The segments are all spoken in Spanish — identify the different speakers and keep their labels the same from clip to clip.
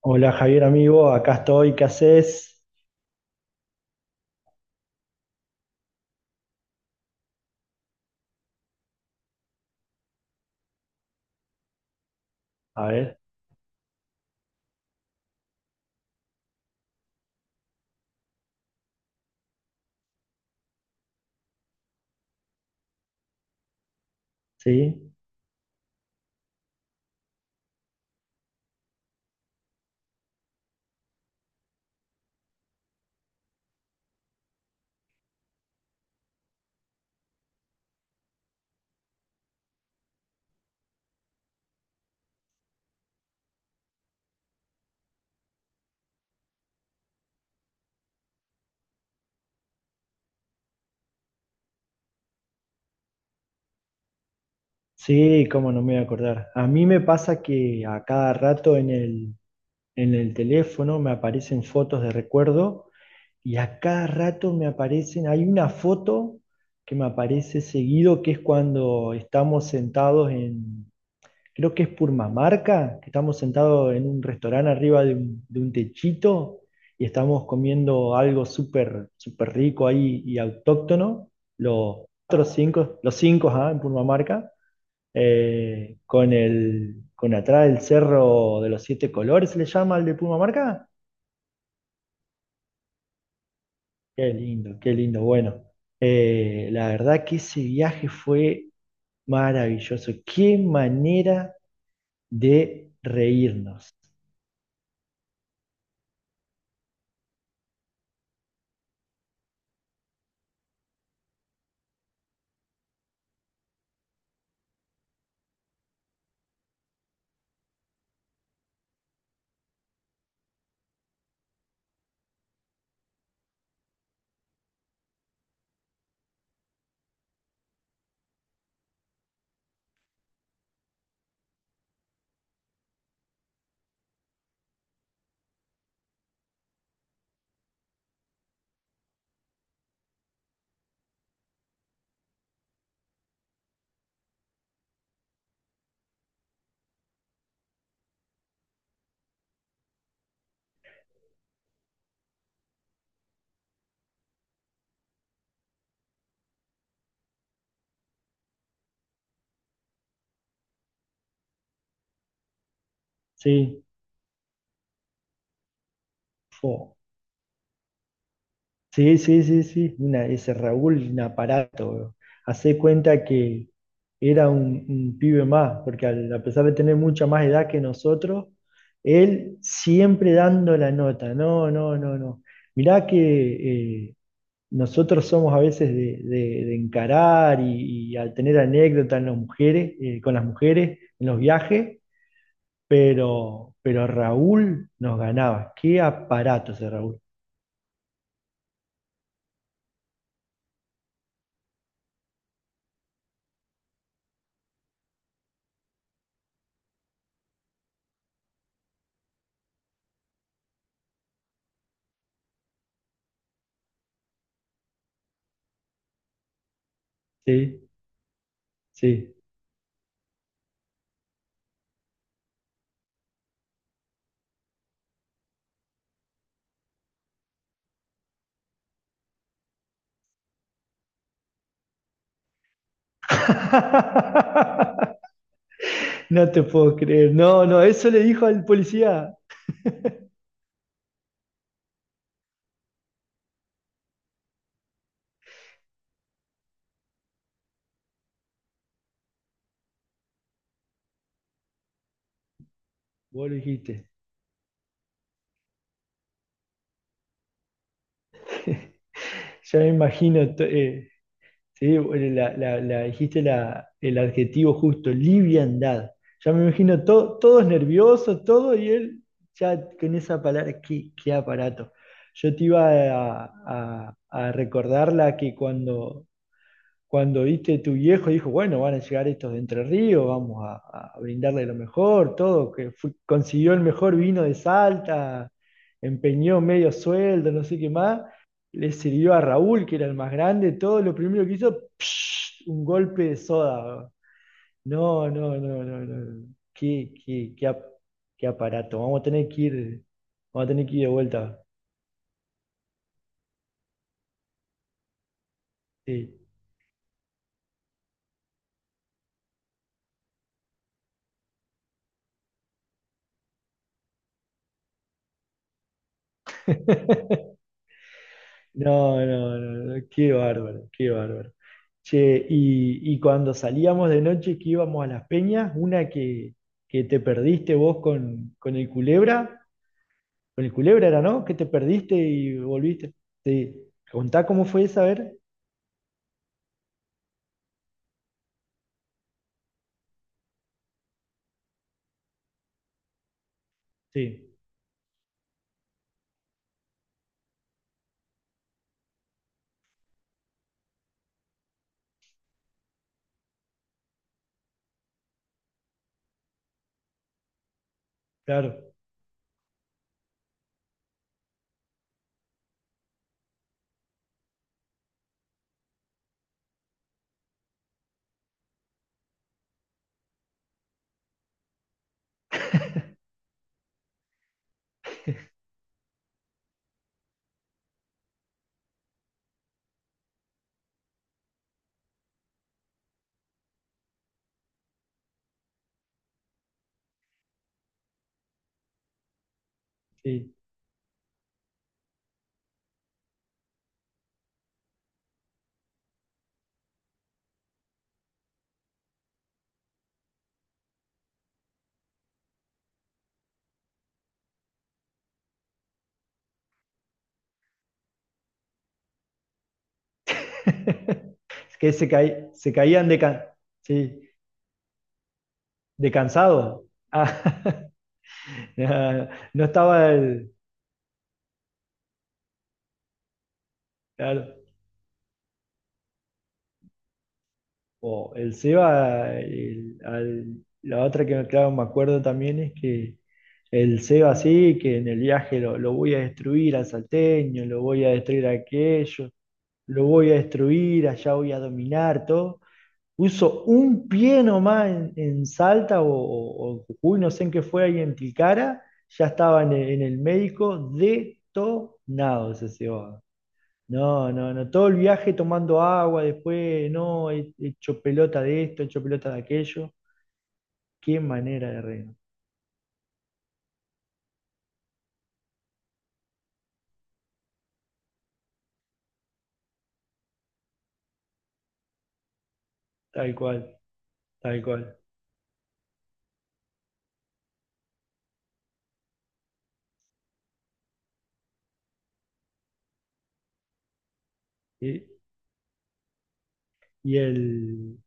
Speaker 1: Hola Javier, amigo, acá estoy, ¿qué haces? A ver, sí, sí, cómo no me voy a acordar. A mí me pasa que a cada rato en el teléfono me aparecen fotos de recuerdo, y a cada rato me aparecen, hay una foto que me aparece seguido, que es cuando estamos creo que es Purmamarca, que estamos sentados en un restaurante arriba de un techito y estamos comiendo algo súper súper rico ahí y autóctono, los cuatro, cinco, los cinco, ajá, en Purmamarca, con atrás el cerro de los siete colores, ¿se le llama el de Purmamarca? Qué lindo, bueno. La verdad que ese viaje fue maravilloso. Qué manera de reírnos. Sí, fue sí, sí, sí, sí, ese Raúl, un aparato, bro. Hacé cuenta que era un pibe más, porque a pesar de tener mucha más edad que nosotros, él siempre dando la nota. No, no, no, no. Mirá que nosotros somos a veces de, encarar y, al tener anécdotas en las mujeres, con las mujeres en los viajes, pero Raúl nos ganaba. Qué aparato ese Raúl. Sí, sí. No te puedo creer. No, no, eso le dijo al policía. Vos lo dijiste. Ya me imagino. Sí, bueno, dijiste el adjetivo justo, liviandad. Ya me imagino todos nerviosos, todo, y él ya con esa palabra, qué aparato. Yo te iba a recordar la que cuando viste tu viejo, dijo, bueno, van a llegar estos de Entre Ríos, vamos a brindarle lo mejor, todo, consiguió el mejor vino de Salta, empeñó medio sueldo, no sé qué más, le sirvió a Raúl, que era el más grande, todo, lo primero que hizo, un golpe de soda. No, no, no, no, no. No. Qué, qué, qué, ap- qué aparato. Vamos a tener que ir de vuelta. Sí. No, no, no, no, qué bárbaro, qué bárbaro. Che, y, cuando salíamos de noche que íbamos a las peñas, una que te perdiste vos con el Culebra, era, ¿no? Que te perdiste y volviste. Sí, contá cómo fue esa, a ver. Sí, claro, sí. Es que se caían sí, de cansado. Ah, no, no estaba el... Claro. O el Seba, el- al- la otra, que claro, me acuerdo también es que el Seba, sí, que en el viaje lo voy a destruir al salteño, lo voy a destruir a aquello, lo voy a destruir, allá voy a dominar todo. Puso un pie nomás en Salta o en Jujuy, no sé en qué fue ahí en Tilcara, ya estaba en el médico, detonado ese Seba. No, no, no. Todo el viaje tomando agua, después, no, he hecho pelota de esto, he hecho pelota de aquello. Qué manera de reino. Tal cual, tal cual. Y, y el,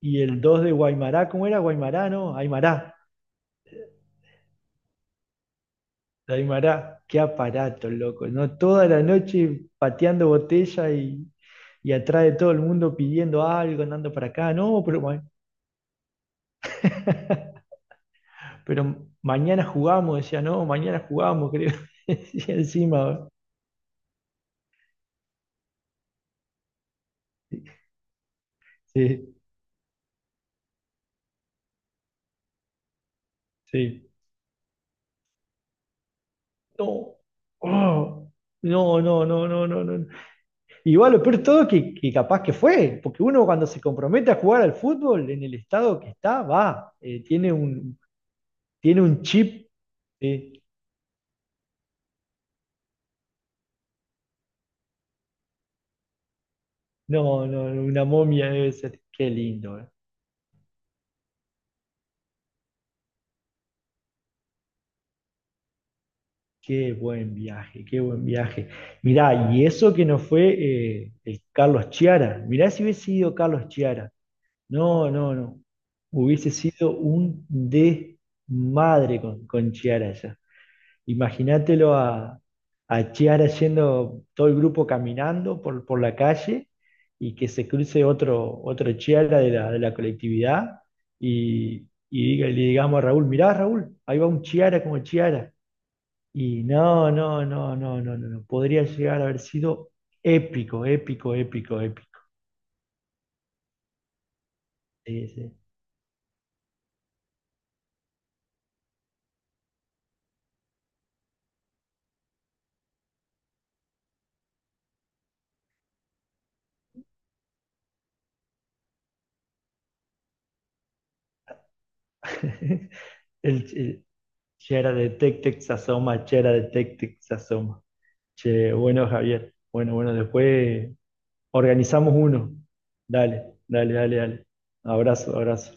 Speaker 1: y el 2 de Guaymará, ¿cómo era? Guaymará, ¿no? Aymará. De Aymará. Qué aparato, loco, ¿no? Toda la noche pateando botella y, atrás de todo el mundo pidiendo algo, andando para acá. No, pero, pero mañana jugamos, decía, no, mañana jugamos, creo. Y encima, ¿no? Sí. Sí. No. Oh. No, no, no, no, no, no. Igual lo peor de todo es que capaz que fue, porque uno, cuando se compromete a jugar al fútbol en el estado que está, va, tiene un chip, ¿sí? No, no, no, una momia debe ser. Qué lindo, eh. Qué buen viaje, qué buen viaje. Mirá, y eso que no fue el Carlos Chiara, mirá si hubiese sido Carlos Chiara. No, no, no. Hubiese sido un desmadre con, Chiara ya. Imagínatelo a, Chiara, yendo todo el grupo caminando por, la calle, y que se cruce otro, Chiara de la colectividad, y, le digamos a Raúl, mirá Raúl, ahí va un Chiara como Chiara. Y no, no, no, no, no, no, no. Podría llegar a haber sido épico, épico, épico, épico. Sí, sí. El, Chera de Tec Tec se asoma, Chera de Tec Tec se asoma. Che, bueno, Javier. Bueno, bueno, después organizamos uno. Dale, dale, dale, dale. Abrazo, abrazo.